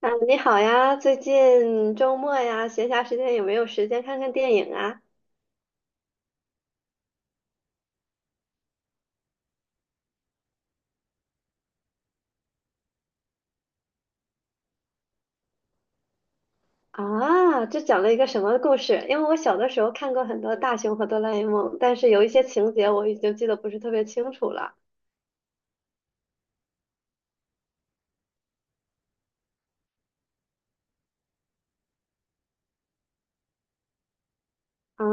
啊，你好呀，最近周末呀，闲暇时间有没有时间看看电影啊？啊，这讲了一个什么故事？因为我小的时候看过很多《大雄和哆啦 A 梦》，但是有一些情节我已经记得不是特别清楚了。啊，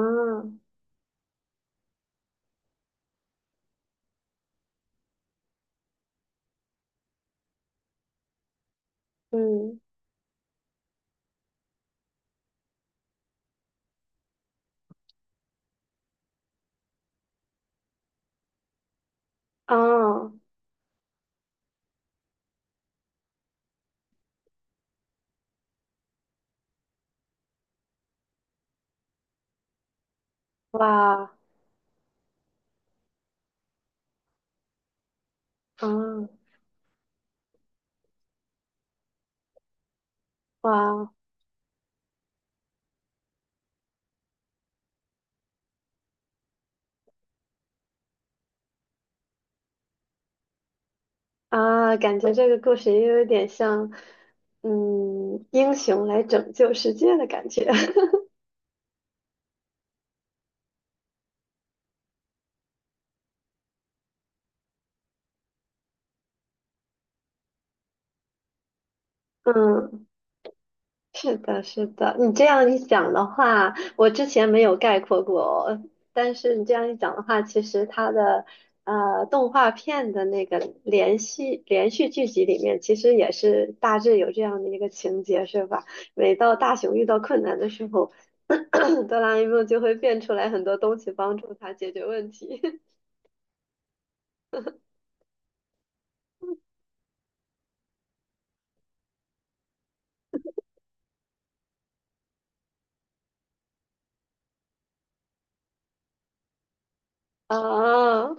嗯，哦，哇，啊，哇，啊，感觉这个故事也有点像，英雄来拯救世界的感觉。是的，是的，你这样一讲的话，我之前没有概括过，但是你这样一讲的话，其实它的动画片的那个连续剧集里面，其实也是大致有这样的一个情节，是吧？每到大雄遇到困难的时候，哆啦 A 梦就会变出来很多东西帮助他解决问题。啊，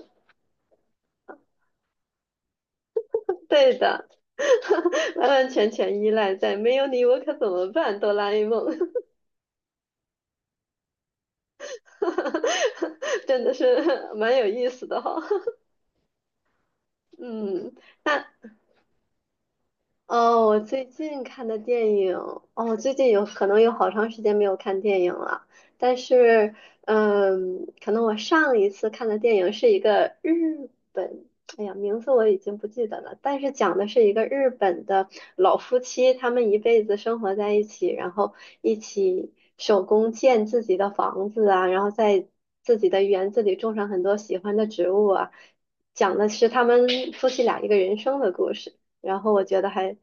对的，完完全全依赖在没有你我可怎么办，哆啦 A 梦。真的是蛮有意思的哈。嗯，那哦，我最近看的电影，哦，我最近有可能有好长时间没有看电影了。但是，可能我上一次看的电影是一个日本，哎呀，名字我已经不记得了。但是讲的是一个日本的老夫妻，他们一辈子生活在一起，然后一起手工建自己的房子啊，然后在自己的园子里种上很多喜欢的植物啊。讲的是他们夫妻俩一个人生的故事。然后我觉得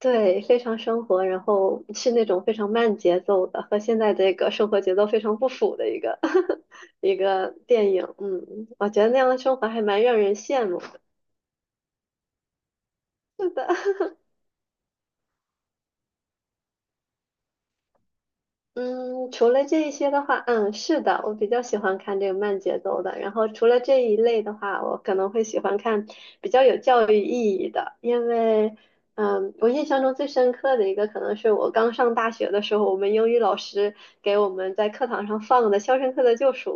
对，非常生活，然后是那种非常慢节奏的，和现在这个生活节奏非常不符的一个 一个电影。嗯，我觉得那样的生活还蛮让人羡慕。嗯，除了这一些的话，嗯，是的，我比较喜欢看这个慢节奏的。然后除了这一类的话，我可能会喜欢看比较有教育意义的，因为，我印象中最深刻的一个可能是我刚上大学的时候，我们英语老师给我们在课堂上放的《肖申克的救赎》，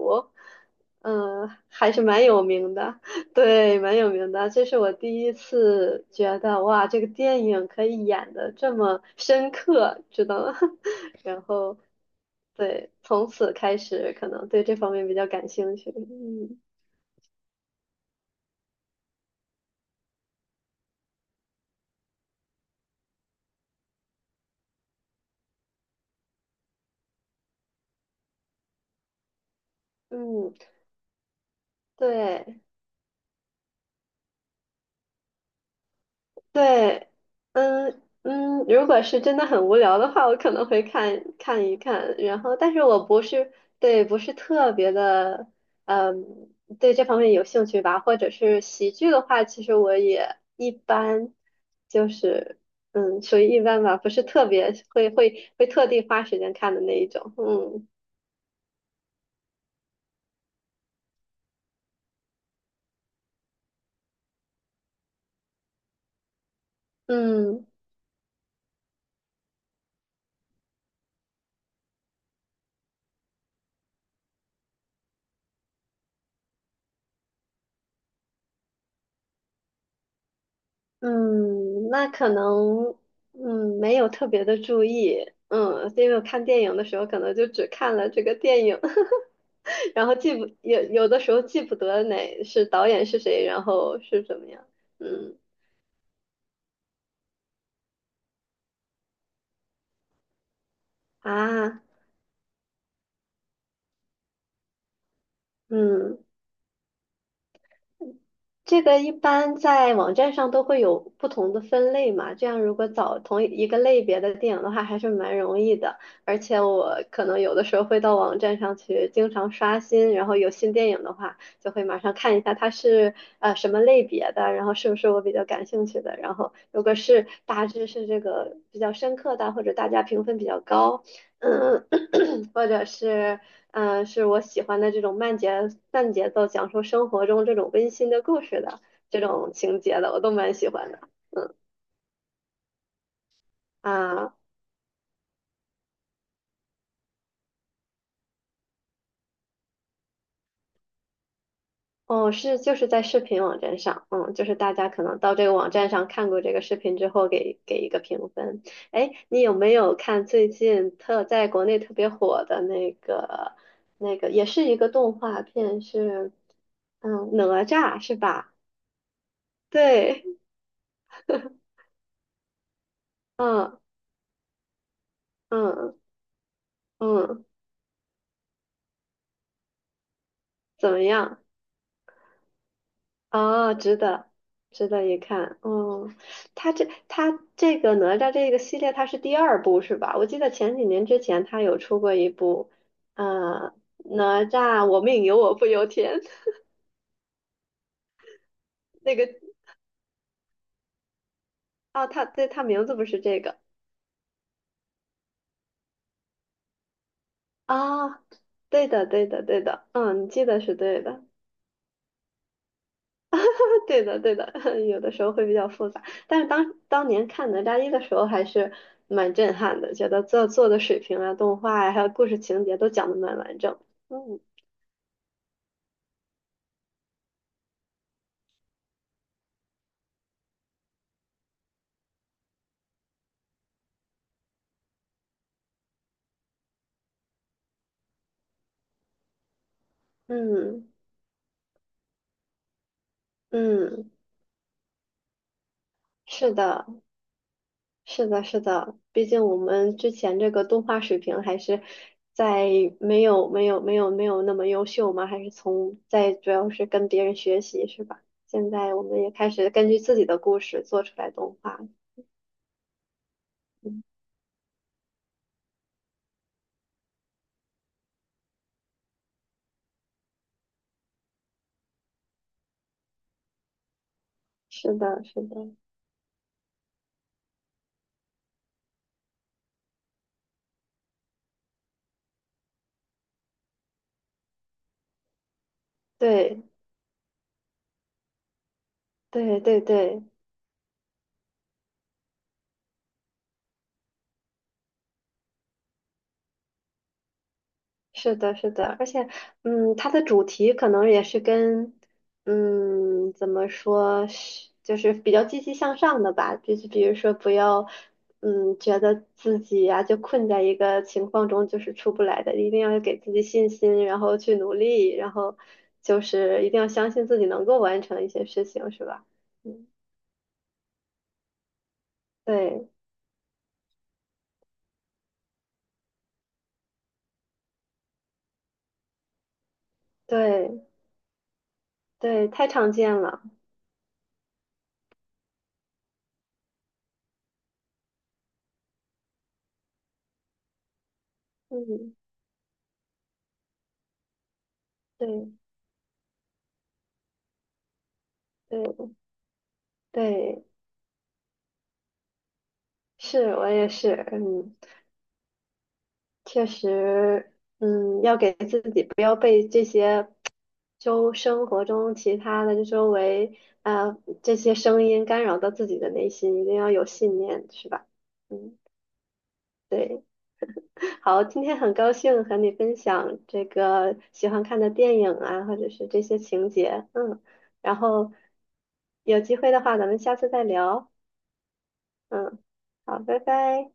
嗯，还是蛮有名的，对，蛮有名的。这是我第一次觉得，哇，这个电影可以演的这么深刻，知道吗？然后。对，从此开始可能对这方面比较感兴趣。嗯嗯，对对，嗯嗯，如果是真的很无聊的话，我可能会看一看，然后，但是我不是特别的，嗯，对这方面有兴趣吧，或者是喜剧的话，其实我也一般，就是属于一般吧，不是特别会特地花时间看的那一种。嗯嗯。嗯，那可能，没有特别的注意，因为我看电影的时候可能就只看了这个电影，然后记不，有的时候记不得哪是导演是谁，然后是怎么样，嗯啊，嗯。这个一般在网站上都会有不同的分类嘛，这样如果找同一个类别的电影的话，还是蛮容易的。而且我可能有的时候会到网站上去经常刷新，然后有新电影的话，就会马上看一下它是什么类别的，然后是不是我比较感兴趣的。然后如果是大致是这个比较深刻的，或者大家评分比较高，嗯。或者是我喜欢的这种慢节奏，讲述生活中这种温馨的故事的这种情节的，我都蛮喜欢的啊。哦，是就是在视频网站上，就是大家可能到这个网站上看过这个视频之后给一个评分。哎，你有没有看最近在国内特别火的那个那个也是一个动画片是哪吒是吧？对，嗯嗯嗯，怎么样？哦，值得，值得一看。哦，他这个哪吒这个系列，他是第二部是吧？我记得前几年之前他有出过一部，哪吒我命由我不由天 那个哦，他名字不是这个啊，对的，对的，对的，嗯，你记得是对的。对的，对的，有的时候会比较复杂，但是当年看哪吒一的时候还是蛮震撼的，觉得做的水平啊、动画呀、还有故事情节都讲的蛮完整。嗯嗯嗯，是的，是的，是的，毕竟我们之前这个动画水平还是在没有没有没有没有那么优秀嘛，还是主要是跟别人学习是吧？现在我们也开始根据自己的故事做出来动画。嗯，是的，是的。对对对对，是的，是的，而且，它的主题可能也是跟，怎么说，就是比较积极向上的吧，就是比如说不要，觉得自己呀、就困在一个情况中就是出不来的，一定要给自己信心，然后去努力，然后就是一定要相信自己能够完成一些事情，是吧？嗯，对对对，太常见了，嗯，对对。对是我也是，确实，要给自己不要被这些生活中其他的周围啊这些声音干扰到自己的内心，一定要有信念，是吧？嗯，对，好，今天很高兴和你分享这个喜欢看的电影啊，或者是这些情节，然后有机会的话，咱们下次再聊，嗯，好，拜拜。